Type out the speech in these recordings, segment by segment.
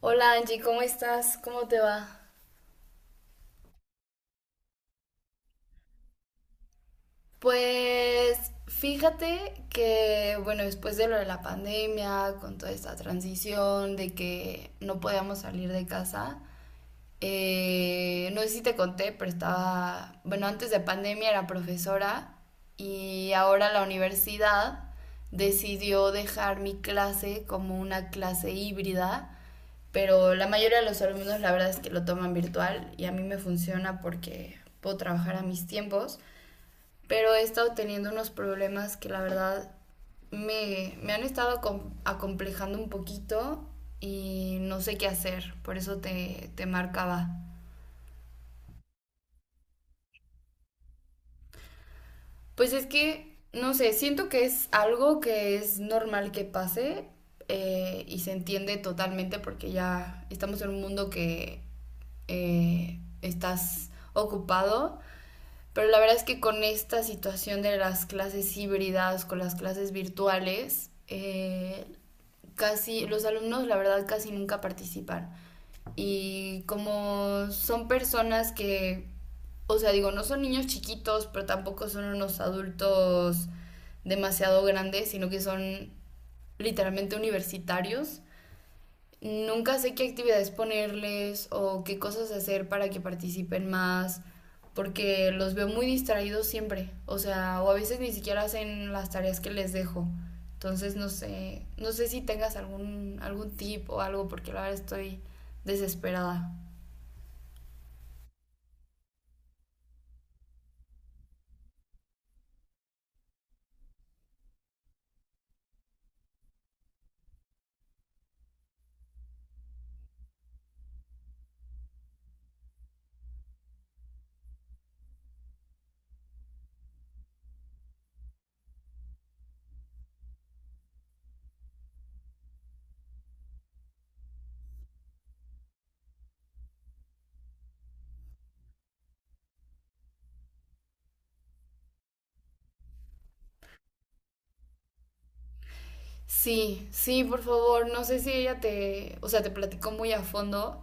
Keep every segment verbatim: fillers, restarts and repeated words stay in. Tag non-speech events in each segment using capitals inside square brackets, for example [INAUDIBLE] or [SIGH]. Hola Angie, ¿cómo estás? ¿Cómo te va? Pues fíjate que, bueno, después de lo de la pandemia, con toda esta transición de que no podíamos salir de casa, eh, no sé si te conté, pero estaba, bueno, antes de pandemia era profesora y ahora la universidad decidió dejar mi clase como una clase híbrida. Pero la mayoría de los alumnos la verdad es que lo toman virtual y a mí me funciona porque puedo trabajar a mis tiempos, pero he estado teniendo unos problemas que la verdad me, me han estado acomplejando un poquito y no sé qué hacer, por eso te, te marcaba. Pues es que, no sé, siento que es algo que es normal que pase, eh, y se entiende totalmente porque ya estamos en un mundo que, eh, estás ocupado. Pero la verdad es que con esta situación de las clases híbridas, con las clases virtuales, eh, casi los alumnos la verdad casi nunca participan. Y como son personas que, o sea, digo, no son niños chiquitos, pero tampoco son unos adultos demasiado grandes, sino que son literalmente universitarios. Nunca sé qué actividades ponerles o qué cosas hacer para que participen más, porque los veo muy distraídos siempre, o sea, o a veces ni siquiera hacen las tareas que les dejo. Entonces no sé, no sé si tengas algún algún tip o algo porque la verdad estoy desesperada. Sí, sí, por favor, no sé si ella te, o sea, te platicó muy a fondo,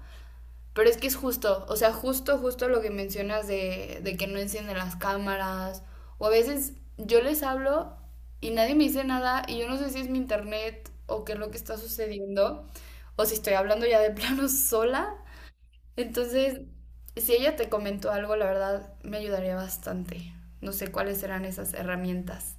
pero es que es justo, o sea, justo, justo lo que mencionas de, de que no encienden las cámaras. O a veces yo les hablo y nadie me dice nada y yo no sé si es mi internet o qué es lo que está sucediendo o si estoy hablando ya de [LAUGHS] plano sola. Entonces, si ella te comentó algo, la verdad me ayudaría bastante. No sé cuáles serán esas herramientas.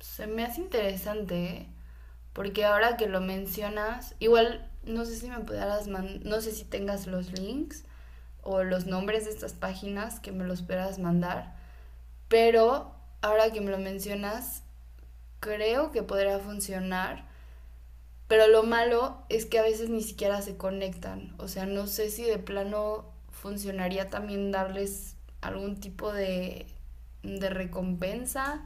Se me hace interesante, ¿eh? Porque ahora que lo mencionas, igual no sé si me pudieras man no sé si tengas los links o los nombres de estas páginas que me los puedas mandar, pero ahora que me lo mencionas, creo que podría funcionar, pero lo malo es que a veces ni siquiera se conectan. O sea, no sé si de plano funcionaría también darles algún tipo de, de recompensa.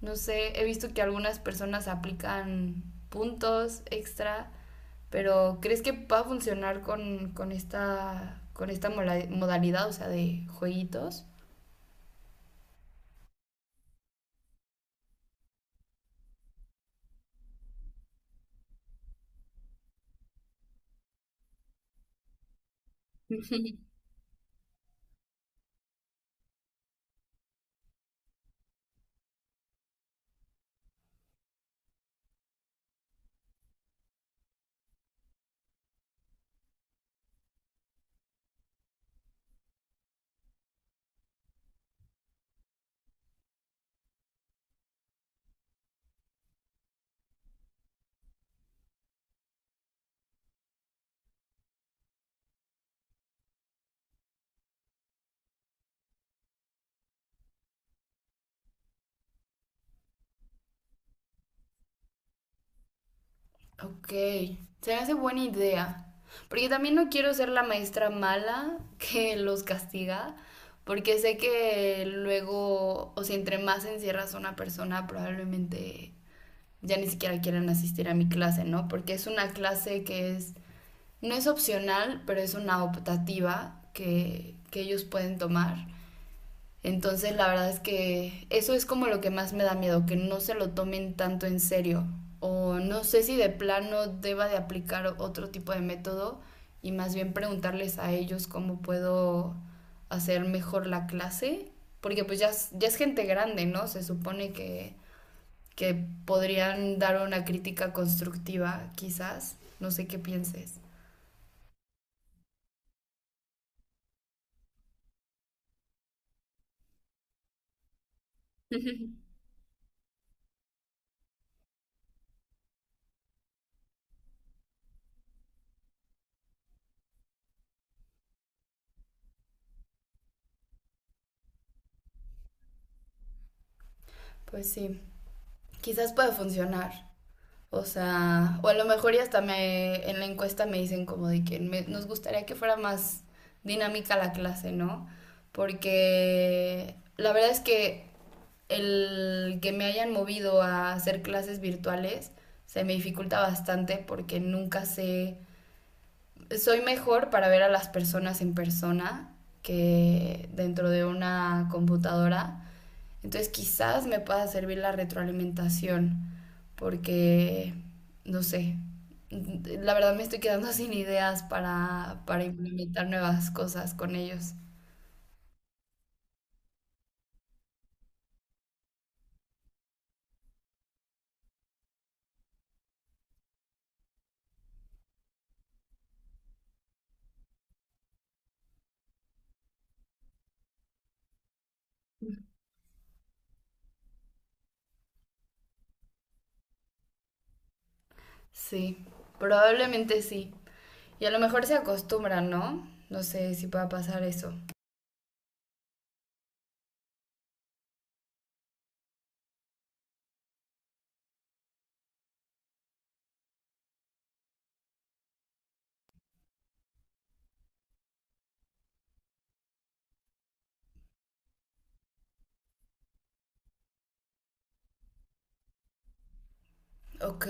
No sé, he visto que algunas personas aplican puntos extra, pero ¿crees que va a funcionar con, con esta, con esta modalidad, o sea, de jueguitos? [LAUGHS] Ok, se me hace buena idea. Porque también no quiero ser la maestra mala [LAUGHS] que los castiga, porque sé que luego, o sea, entre más encierras a una persona, probablemente ya ni siquiera quieran asistir a mi clase, ¿no? Porque es una clase que es, no es opcional, pero es una optativa que, que ellos pueden tomar. Entonces la verdad es que eso es como lo que más me da miedo, que no se lo tomen tanto en serio. O no sé si de plano deba de aplicar otro tipo de método y más bien preguntarles a ellos cómo puedo hacer mejor la clase. Porque pues ya, es- ya es gente grande, ¿no? Se supone que, que podrían dar una crítica constructiva, quizás. No sé qué pienses. [LAUGHS] Pues sí, quizás pueda funcionar. O sea, o a lo mejor y hasta me, en la encuesta me dicen como de que me- nos gustaría que fuera más dinámica la clase, ¿no? Porque la verdad es que el que me hayan movido a hacer clases virtuales se me dificulta bastante porque nunca sé, soy mejor para ver a las personas en persona que dentro de una computadora. Entonces quizás me pueda servir la retroalimentación porque, no sé, la verdad me estoy quedando [LAUGHS] sin ideas para, para implementar nuevas cosas con ellos. Sí, probablemente sí. Y a lo mejor se acostumbran, ¿no? No sé si pueda pasar eso. Ok.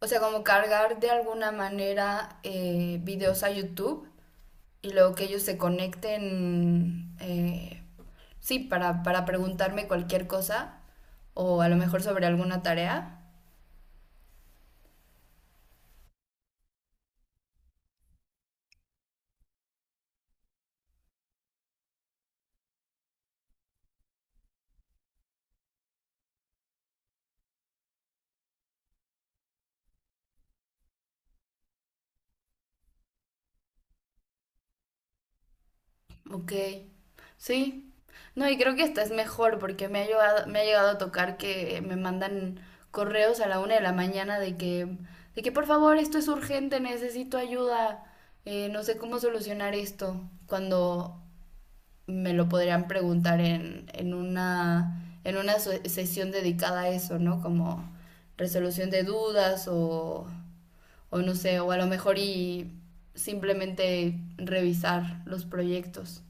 O sea, como cargar de alguna manera, eh, videos a YouTube y luego que ellos se conecten, eh, sí, para, para preguntarme cualquier cosa o a lo mejor sobre alguna tarea. Ok. Sí, no, y creo que esta es mejor porque me ha llegado, me ha llegado a tocar que me mandan correos a la una de la mañana de que, de que por favor, esto es urgente, necesito ayuda, eh, no sé cómo solucionar esto, cuando me lo podrían preguntar en, en una, en una so- sesión dedicada a eso, ¿no? Como resolución de dudas o, o no sé, o a lo mejor y simplemente revisar los proyectos.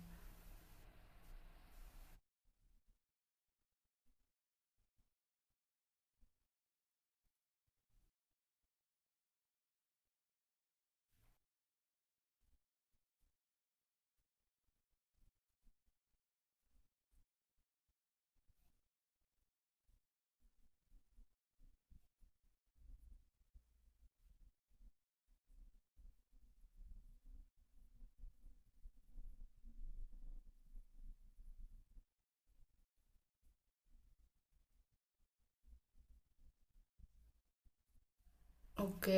Ok,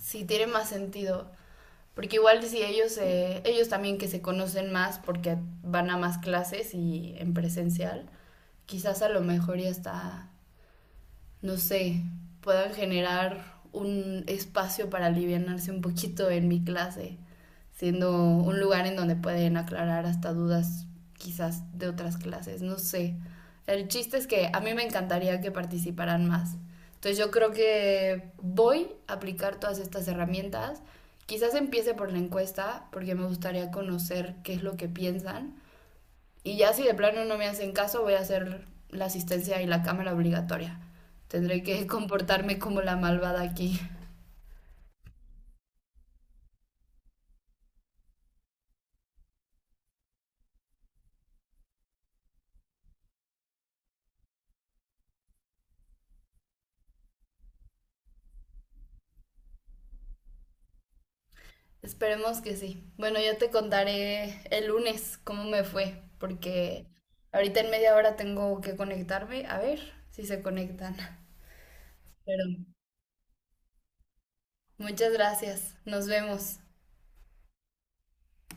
sí, tiene más sentido. Porque igual si ellos, eh, ellos también que se conocen más porque van a más clases y en presencial, quizás a lo mejor ya está, no sé, puedan generar un espacio para alivianarse un poquito en mi clase, siendo un lugar en donde pueden aclarar hasta dudas quizás de otras clases, no sé. El chiste es que a mí me encantaría que participaran más. Entonces yo creo que voy a aplicar todas estas herramientas. Quizás empiece por la encuesta, porque me gustaría conocer qué es lo que piensan y ya si de plano no me hacen caso, voy a hacer la asistencia y la cámara obligatoria. Tendré que [LAUGHS] comportarme como la malvada aquí. Esperemos que sí. Bueno, yo te contaré el lunes cómo me fue, porque ahorita en media hora tengo que conectarme. A ver si se conectan. Pero muchas gracias. Nos vemos.